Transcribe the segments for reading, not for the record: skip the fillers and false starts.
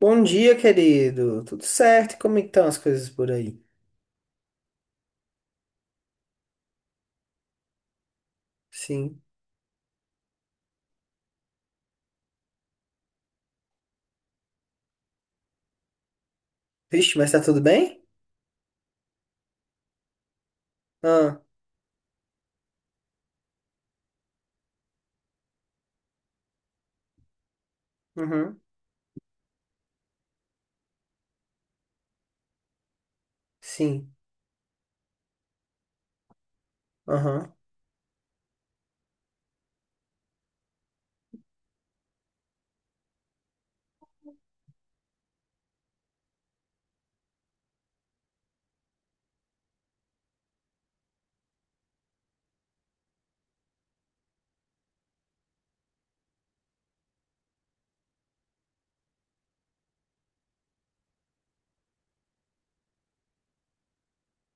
Bom dia, querido. Tudo certo? E como é que estão as coisas por aí? Sim. Vixe, mas tá tudo bem? Ah, uhum. Sim. Aham.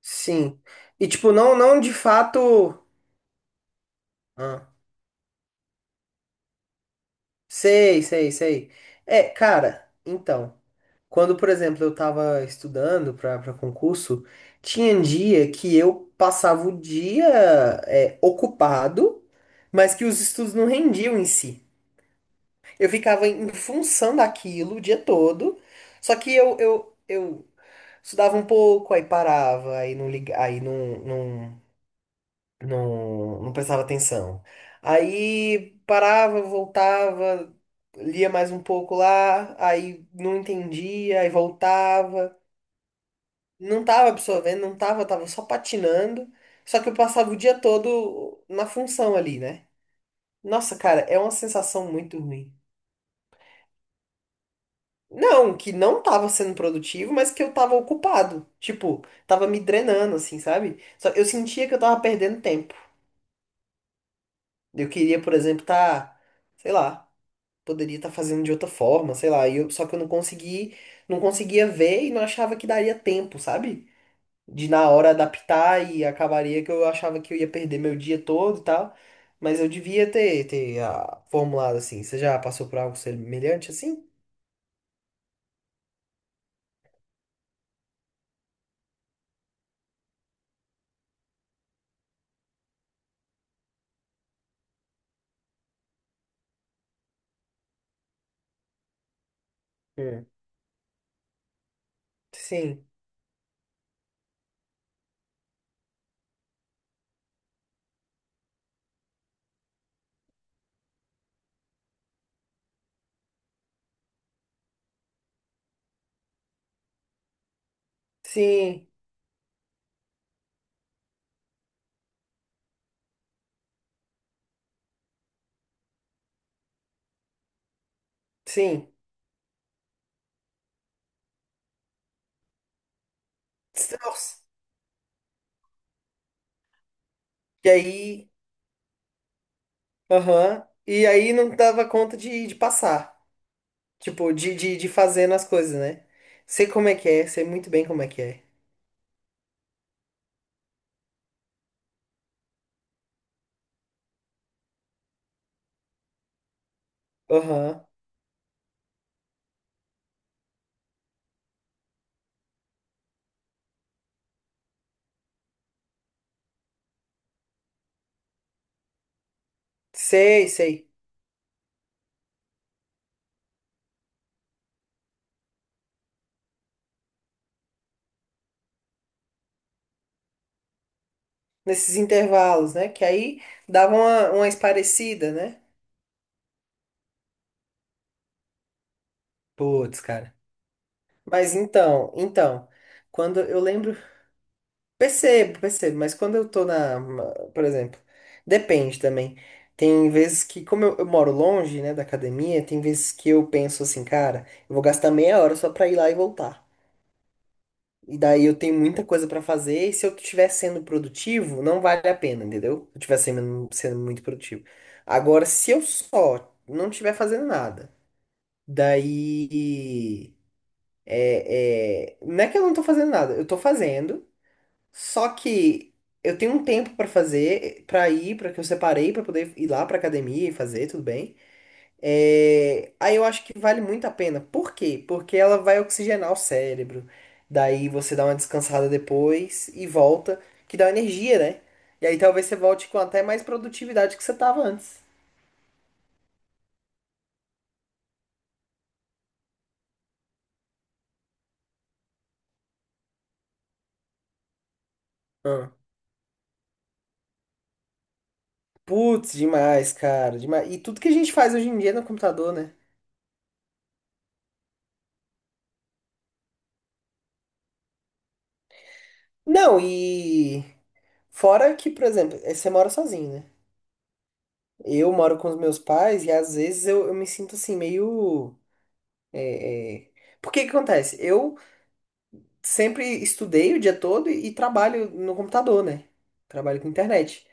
Sim. E tipo, não, não de fato. Ah, sei, sei, sei. É, cara, então. Quando, por exemplo, eu tava estudando pra concurso, tinha dia que eu passava o dia ocupado, mas que os estudos não rendiam em si. Eu ficava em função daquilo o dia todo. Só que eu estudava um pouco, aí parava, aí não liga, aí não prestava atenção. Aí parava, voltava, lia mais um pouco lá, aí não entendia, aí voltava. Não tava absorvendo, não tava, só patinando. Só que eu passava o dia todo na função ali, né? Nossa, cara, é uma sensação muito ruim. Não, que não tava sendo produtivo, mas que eu tava ocupado. Tipo, tava me drenando, assim, sabe? Só eu sentia que eu tava perdendo tempo. Eu queria, por exemplo, tá, sei lá, poderia estar fazendo de outra forma, sei lá. E eu, só que eu não consegui, não conseguia ver e não achava que daria tempo, sabe? De na hora adaptar e acabaria que eu achava que eu ia perder meu dia todo e tal. Mas eu devia ter formulado assim. Você já passou por algo semelhante assim? Hum. Sim, sim. Sim. Nossa. E aí, aham. E aí não dava conta de passar. Tipo, de fazendo as coisas, né? Sei como é que é, sei muito bem como é que é. Aham. Sei, sei. Nesses intervalos, né? Que aí dava uma esparecida, né? Putz, cara. Mas então, então, quando eu lembro Percebo, percebo, mas quando eu tô na, por exemplo, depende também. Tem vezes que, como eu moro longe, né, da academia, tem vezes que eu penso assim, cara, eu vou gastar meia hora só pra ir lá e voltar. E daí eu tenho muita coisa pra fazer, e se eu estiver sendo produtivo, não vale a pena, entendeu? Se eu estiver sendo muito produtivo. Agora, se eu só não estiver fazendo nada, daí. É, é, não é que eu não tô fazendo nada, eu tô fazendo. Só que eu tenho um tempo pra fazer, pra ir, pra que eu separei pra poder ir lá pra academia e fazer, tudo bem. É, aí eu acho que vale muito a pena. Por quê? Porque ela vai oxigenar o cérebro. Daí você dá uma descansada depois e volta, que dá energia, né? E aí talvez você volte com até mais produtividade que você tava antes. Ah. Putz, demais, cara. Demais. E tudo que a gente faz hoje em dia é no computador, né? Não, e fora que, por exemplo, você mora sozinho, né? Eu moro com os meus pais e às vezes eu me sinto assim, meio. É, é. Porque que acontece? Eu sempre estudei o dia todo e trabalho no computador, né? Trabalho com internet.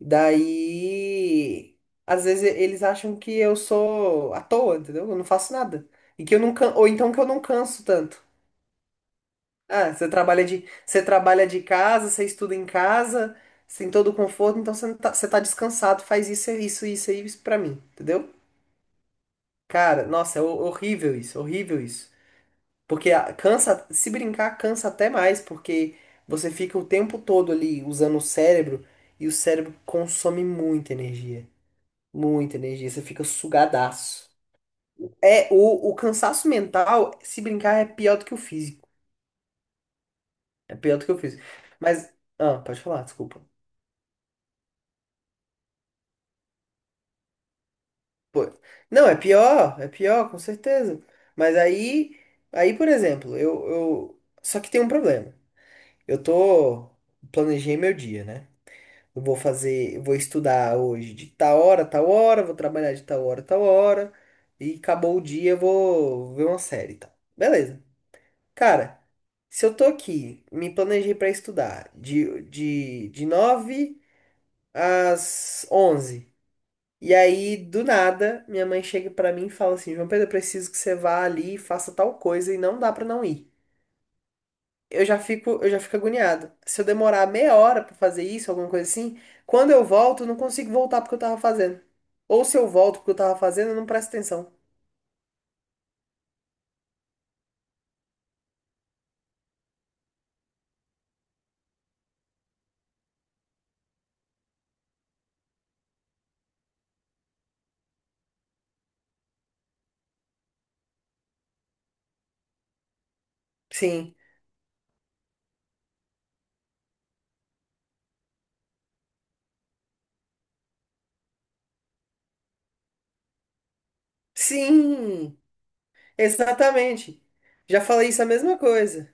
Daí. Às vezes eles acham que eu sou à toa, entendeu? Eu não faço nada. E que eu não can... Ou então que eu não canso tanto. Ah, você trabalha de casa, você estuda em casa, você tem todo o conforto, então você, não tá, você tá descansado, faz isso, isso, isso, isso pra mim, entendeu? Cara, nossa, é horrível isso, horrível isso. Porque cansa, se brincar, cansa até mais, porque você fica o tempo todo ali usando o cérebro e o cérebro consome muita energia. Muita energia, você fica sugadaço. É, o cansaço mental, se brincar, é pior do que o físico. É pior do que o físico. Mas, ah, pode falar, desculpa. Pô, não, é pior, com certeza. Mas aí, por exemplo. Só que tem um problema. Eu tô planejei meu dia, né? Eu vou estudar hoje de tal hora, a tal hora, vou trabalhar de tal hora, a tal hora, e acabou o dia, eu vou ver uma série, e tal. Beleza. Cara, se eu tô aqui, me planejei pra estudar de 9 às 11. E aí, do nada, minha mãe chega pra mim e fala assim: João Pedro, eu preciso que você vá ali e faça tal coisa, e não dá pra não ir. Eu já fico agoniado. Se eu demorar meia hora pra fazer isso, alguma coisa assim, quando eu volto, eu não consigo voltar porque eu tava fazendo. Ou se eu volto porque eu tava fazendo, eu não presto atenção. Sim. Sim, exatamente. Já falei isso a mesma coisa.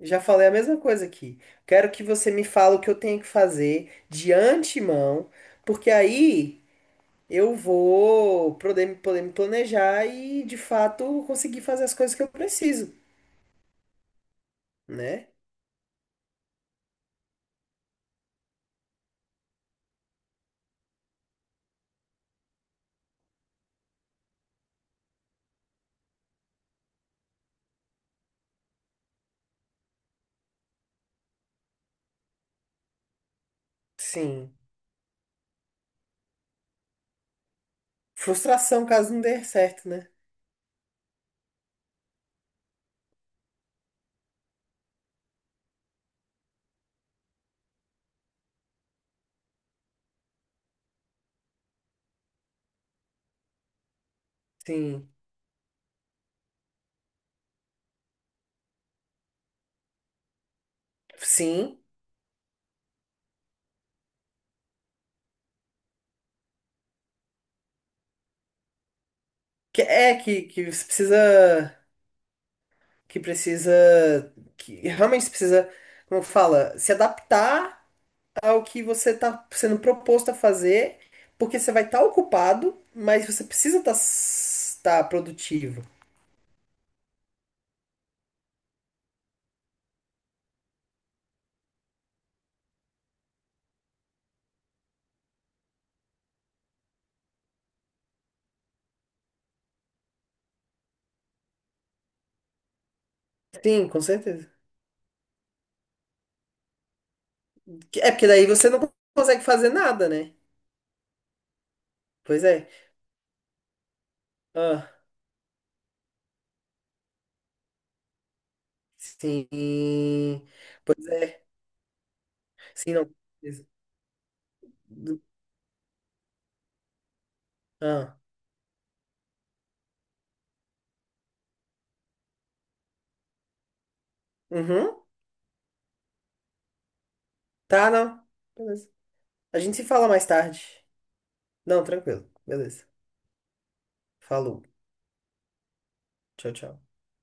Já falei a mesma coisa aqui. Quero que você me fale o que eu tenho que fazer de antemão, porque aí eu vou poder me planejar e de fato conseguir fazer as coisas que eu preciso, né? Sim. Frustração caso não dê certo, né? Sim. Sim. Que é que você precisa. Que precisa. Que realmente você precisa, como fala, se adaptar ao que você está sendo proposto a fazer, porque você vai estar ocupado, mas você precisa tá produtivo. Sim, com certeza. É porque daí você não consegue fazer nada, né? Pois é. Ah, sim. Pois, sim, não. Ah. Uhum. Tá, não. Beleza. A gente se fala mais tarde. Não, tranquilo. Beleza. Falou. Tchau, tchau.